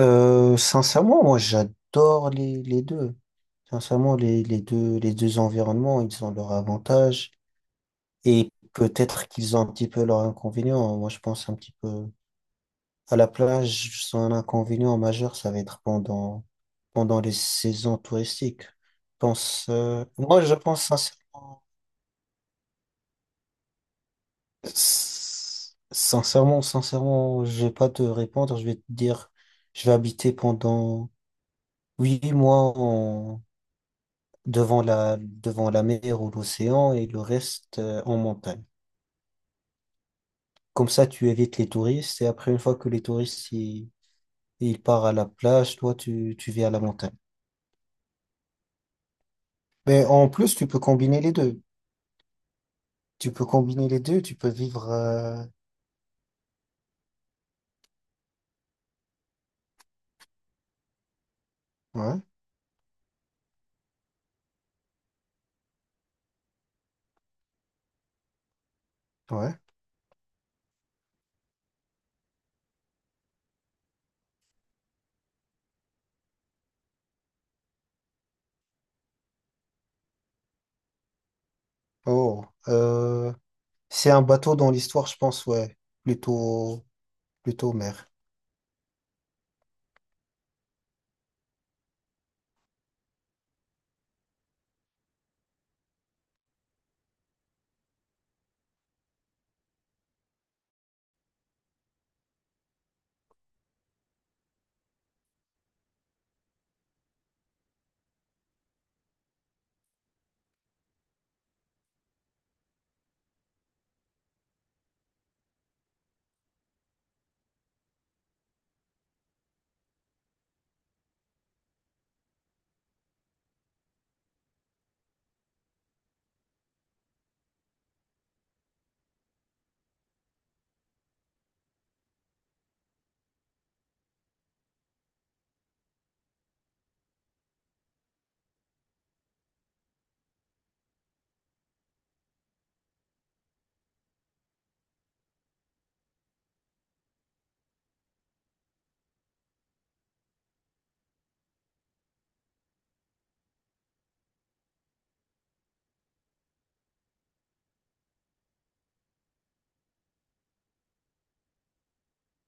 Sincèrement, moi j'adore les deux. Sincèrement, les deux, les deux environnements, ils ont leurs avantages et peut-être qu'ils ont un petit peu leurs inconvénients. Moi je pense un petit peu à la plage, son inconvénient majeur, ça va être pendant les saisons touristiques. Je moi je pense sincèrement, s- sincèrement, sincèrement, je vais pas te répondre, je vais te dire, je vais habiter pendant 8 mois en devant la mer ou l'océan et le reste en montagne. Comme ça, tu évites les touristes et après, une fois que ils partent à la plage, toi, tu vis à la montagne. Mais en plus, tu peux combiner les deux. Tu peux combiner les deux, tu peux vivre... Ouais, ouais. Oh, euh, c'est un bateau dans l'histoire, je pense, ouais. Plutôt, Plutôt mer.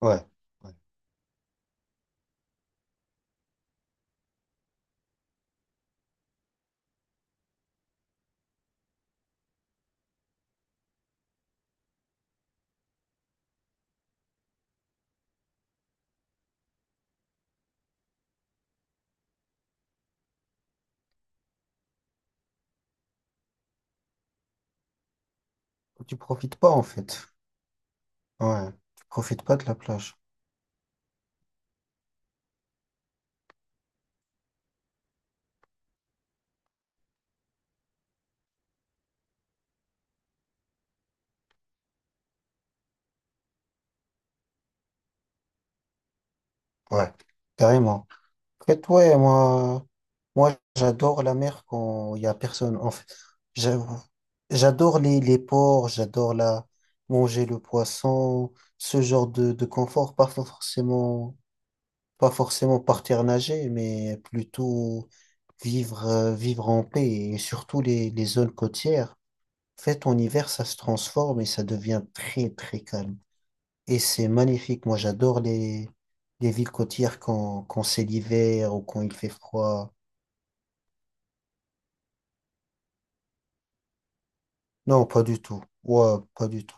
Ouais, ouais. Tu profites pas, en fait. Ouais. Tu profites pas de la plage. Ouais, carrément. Et toi, moi, Moi j'adore la mer quand il y a personne. En fait, j'a- j'adore les ports, manger le poisson, ce genre de confort. Pas forcément partir nager, mais plutôt vivre en paix et surtout les zones côtières. En fait, en hiver, ça se transforme et ça devient très calme. Et c'est magnifique. Moi, j'adore les villes côtières quand c'est l'hiver ou quand il fait froid. Non, pas du tout. Ouais, pas du tout.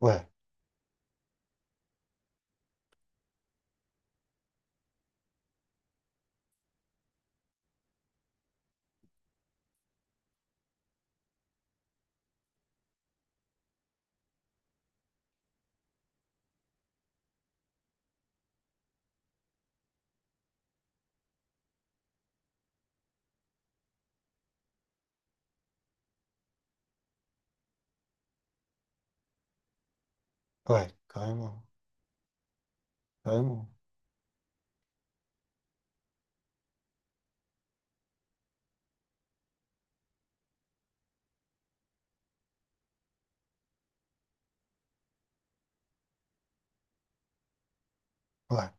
Ouais, ouais, carrément. Carrément. Ouais,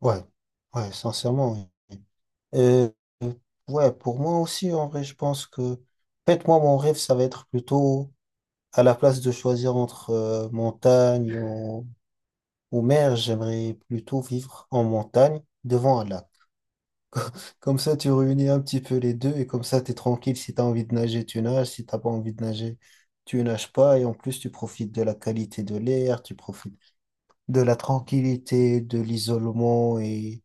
ouais, ouais, sincèrement, oui. Et, euh, ouais, pour moi aussi, en vrai, je pense que... En fait, moi, mon rêve, ça va être plutôt à la place de choisir entre montagne ou mer. J'aimerais plutôt vivre en montagne devant un lac. Comme ça, tu réunis un petit peu les deux et comme ça, t'es tranquille. Si t'as envie de nager, tu nages. Si t'as pas envie de nager, tu nages pas. Et en plus, tu profites de la qualité de l'air, tu profites de la tranquillité, de l'isolement. Et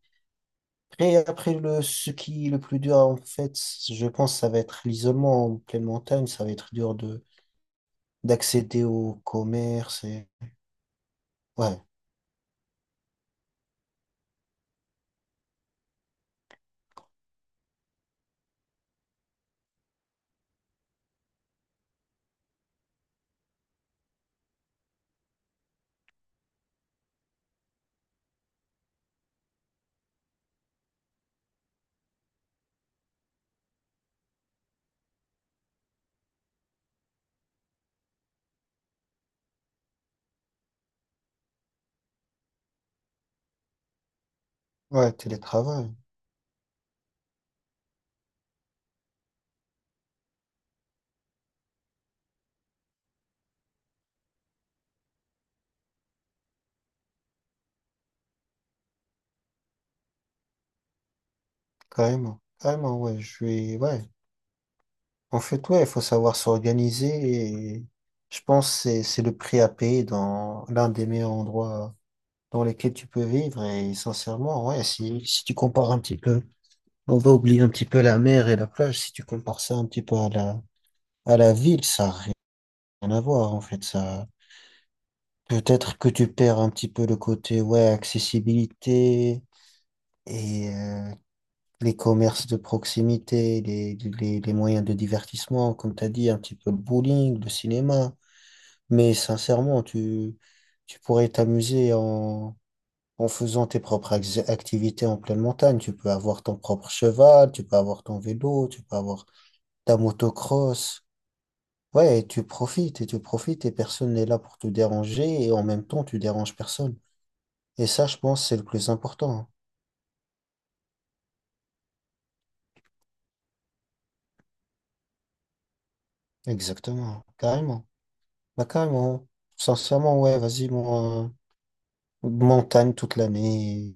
après le, ce qui est le plus dur, en fait, je pense que ça va être l'isolement en pleine montagne. Ça va être dur de d'accéder au commerce. Et... Ouais, ouais, télétravail, carrément. Carrément, ouais, je vais... Ouais. En fait, ouais, il faut savoir s'organiser et je pense que c'est le prix à payer dans l'un des meilleurs endroits dans lesquels tu peux vivre. Et sincèrement, ouais, si tu compares un petit peu... On va oublier un petit peu la mer et la plage. Si tu compares ça un petit peu à à la ville, ça n'a rien à voir en fait. Ça, peut-être que tu perds un petit peu le côté ouais, accessibilité et les commerces de proximité, les moyens de divertissement, comme tu as dit, un petit peu le bowling, le cinéma. Mais sincèrement, tu pourrais t'amuser en faisant tes propres activités en pleine montagne. Tu peux avoir ton propre cheval, tu peux avoir ton vélo, tu peux avoir la motocross. Ouais, et tu profites, et personne n'est là pour te déranger, et en même temps, tu déranges personne. Et ça, je pense, c'est le plus important, hein. Exactement, carrément. Bah, carrément. Sincèrement, ouais, vas-y, mon, montagne toute l'année.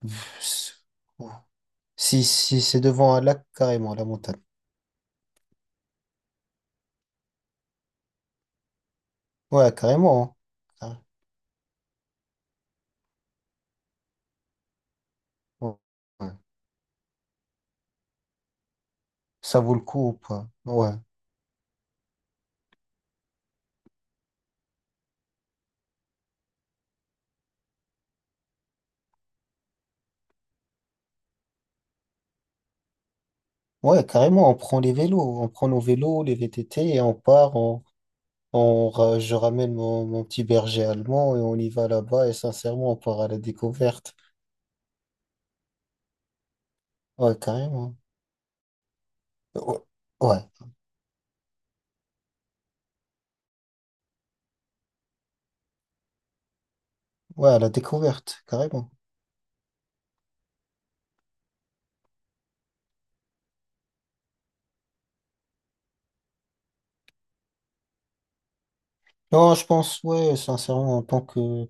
Pff, si, si c'est devant un lac, carrément, la montagne. Ouais, carrément, hein. Carré- ouais. Ça vaut le coup ou pas? Ouais. Ouais, carrément, on prend nos vélos, les VTT, et on part, on, je ramène mon petit berger allemand et on y va là-bas et sincèrement, on part à la découverte. Ouais, carrément. Ouais, ouais, ouais, à la découverte, carrément. Non, je pense, ouais, sincèrement, en tant que...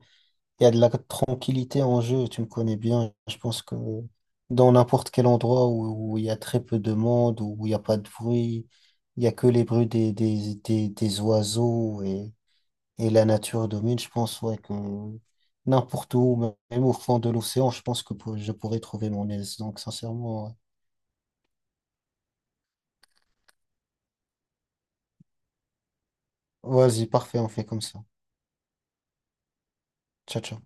Il y a de la tranquillité en jeu, tu me connais bien. Je pense que dans n'importe quel endroit où il y a très peu de monde, où il n'y a pas de bruit, il n'y a que les bruits des oiseaux et... Et la nature domine, je pense, ouais, que n'importe où, même au fond de l'océan, je pense que je pourrais trouver mon aise. Donc, sincèrement, ouais. Vas-y, parfait, on fait comme ça. Ciao, ciao.